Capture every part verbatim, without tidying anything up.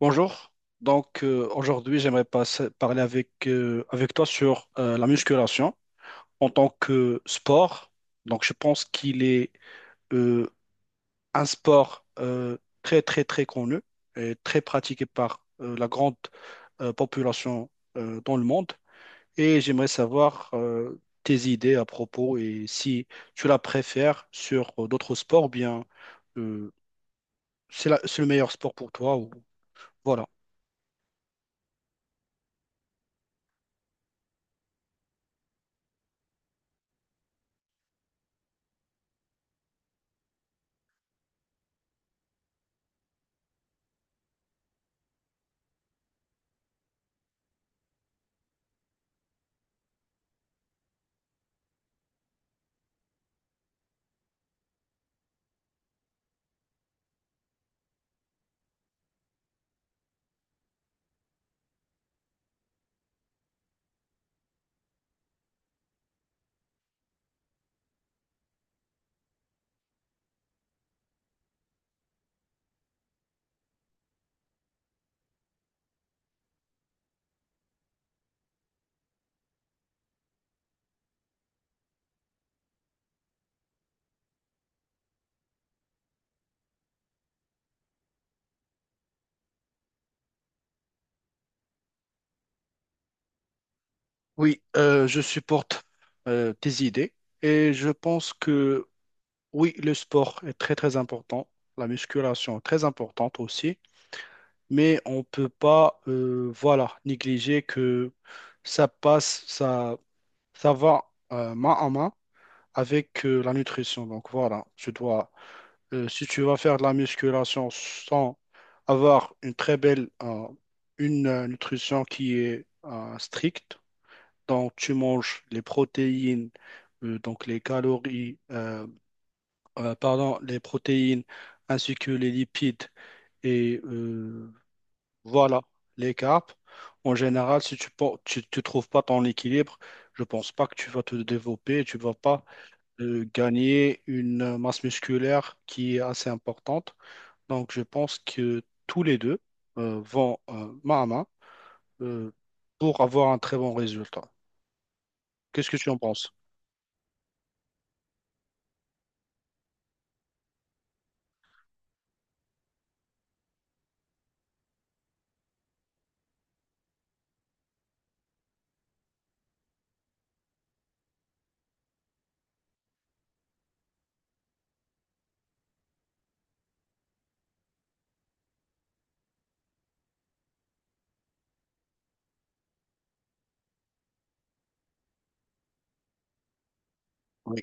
Bonjour. Donc euh, aujourd'hui, j'aimerais passer- parler avec, euh, avec toi sur euh, la musculation en tant que sport. Donc je pense qu'il est euh, un sport euh, très très très connu et très pratiqué par euh, la grande euh, population euh, dans le monde. Et j'aimerais savoir euh, tes idées à propos et si tu la préfères sur euh, d'autres sports ou bien euh, c'est la- c'est le meilleur sport pour toi ou voilà. Oui, euh, je supporte euh, tes idées et je pense que oui, le sport est très très important, la musculation est très importante aussi, mais on ne peut pas euh, voilà, négliger que ça passe, ça, ça va euh, main en main avec euh, la nutrition. Donc voilà, tu dois, euh, si tu vas faire de la musculation sans avoir une très belle, euh, une euh, nutrition qui est euh, stricte, donc, tu manges les protéines, euh, donc les calories, euh, euh, pardon, les protéines ainsi que les lipides et euh, voilà, les carbs. En général, si tu ne tu, tu trouves pas ton équilibre, je pense pas que tu vas te développer, tu vas pas euh, gagner une masse musculaire qui est assez importante. Donc, je pense que tous les deux euh, vont euh, main à main euh, pour avoir un très bon résultat. Qu'est-ce que tu en penses? Oui.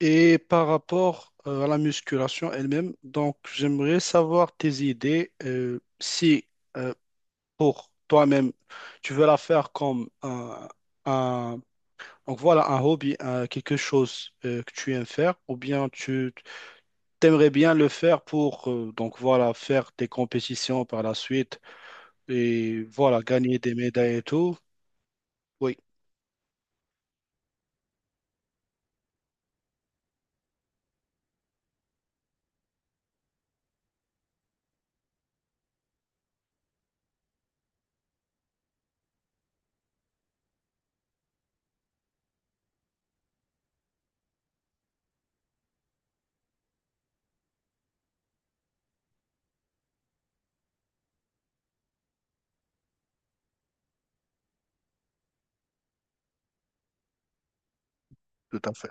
Et par rapport euh, à la musculation elle-même, donc j'aimerais savoir tes idées. Euh, si euh, pour toi-même, tu veux la faire comme un, un- donc voilà, un hobby, un- quelque chose euh, que tu aimes faire, ou bien tu t'aimerais bien le faire pour euh, donc voilà, faire des compétitions par la suite et voilà, gagner des médailles et tout. Oui. Tout à fait.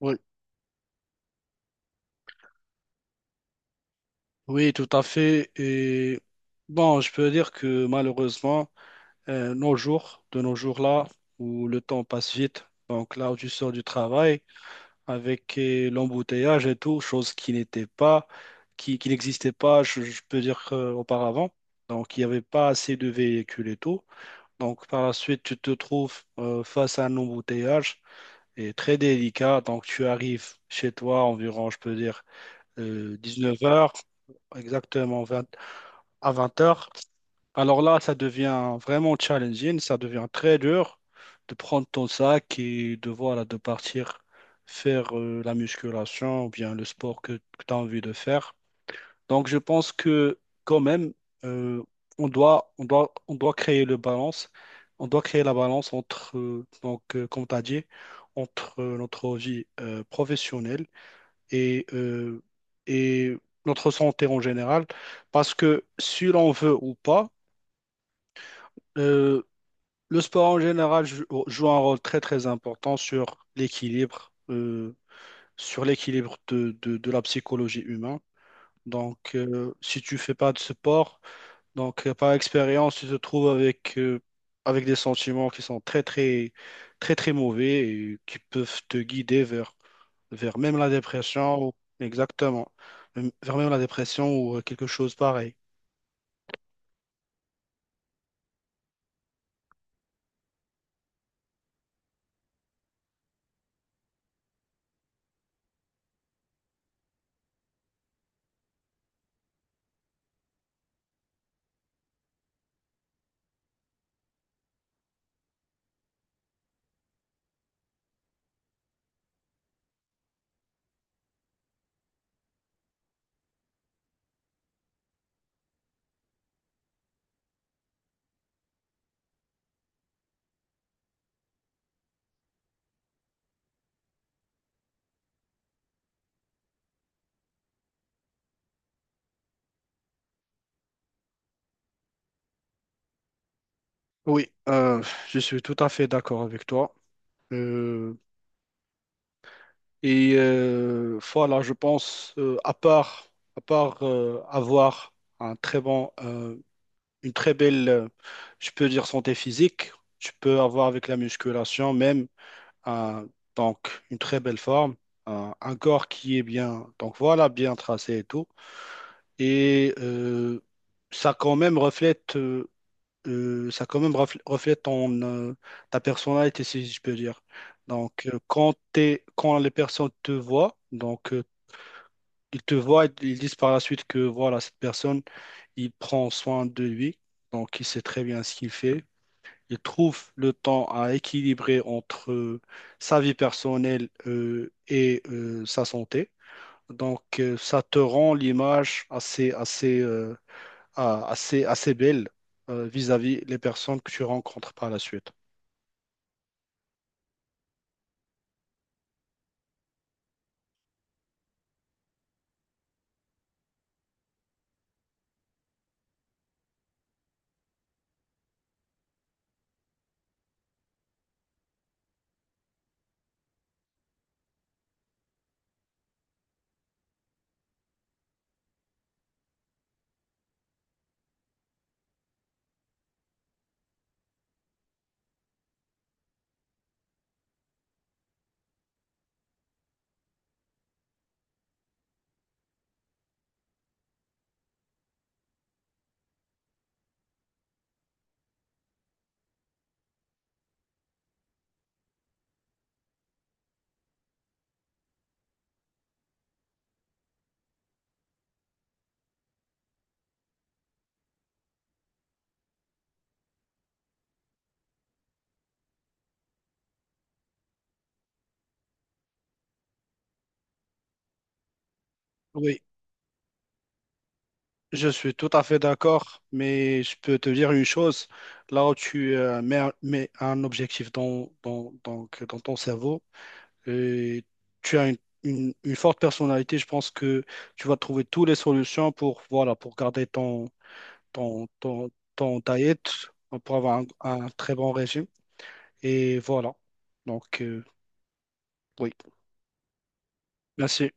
Oui, oui, tout à fait. Et bon, je peux dire que malheureusement, euh, nos jours, de nos jours là, où le temps passe vite, donc là où tu sors du travail, avec euh, l'embouteillage et tout, chose qui n'était pas, qui, qui n'existait pas, je, je peux dire, euh, auparavant. Donc, il n'y avait pas assez de véhicules et tout. Donc, par la suite, tu te trouves euh, face à un embouteillage et très délicat. Donc, tu arrives chez toi environ, je peux dire, dix-neuf heures exactement à vingt heures. Alors là, ça devient vraiment challenging, ça devient très dur de prendre ton sac et de, voilà, de partir faire euh, la musculation ou bien le sport que, tu as envie de faire. Donc je pense que quand même, euh, on doit, on doit, on doit créer le balance, on doit créer la balance entre, euh, donc, euh, comme tu as dit, entre euh, notre vie euh, professionnelle et, euh, et notre santé en général. Parce que si l'on veut ou pas, euh, le sport en général jou- joue un rôle très très important sur l'équilibre, euh, sur l'équilibre de, de- de la psychologie humaine. Donc, euh, si tu fais pas de sport, donc euh, par expérience, tu te trouves avec euh, avec des sentiments qui sont très très très très mauvais et qui peuvent te guider vers vers même la dépression ou exactement, même- vers même la dépression ou euh, quelque chose pareil. Oui, euh, je suis tout à fait d'accord avec toi. Euh, et euh, voilà, je pense, euh, à part, à part euh, avoir un très bon, euh, une très belle, euh, je peux dire santé physique, tu peux avoir avec la musculation même un- donc une très belle forme, un un corps qui est bien, donc voilà, bien tracé et tout. Et euh, ça quand même reflète, euh, euh, ça quand même refl- reflète ton, euh, ta personnalité, si je peux dire. Donc, euh, quand t'es- quand les personnes te voient, donc, euh, ils te voient, ils disent par la suite que voilà, cette personne, il prend soin de lui, donc il sait très bien ce qu'il fait. Il trouve le temps à équilibrer entre euh, sa vie personnelle euh, et euh, sa santé. Donc, euh, ça te rend l'image assez, assez, euh, euh, assez, assez belle euh, vis-à-vis les personnes que tu rencontres par la suite. Oui, je suis tout à fait d'accord, mais je peux te dire une chose, là où tu euh, mets, un mets un objectif dans, dans, donc, dans ton cerveau, et tu as une, une- une forte personnalité, je pense que tu vas trouver toutes les solutions pour, voilà, pour garder ton, ton, ton diet pour avoir un, un très bon régime. Et voilà. Donc, euh, oui. Merci.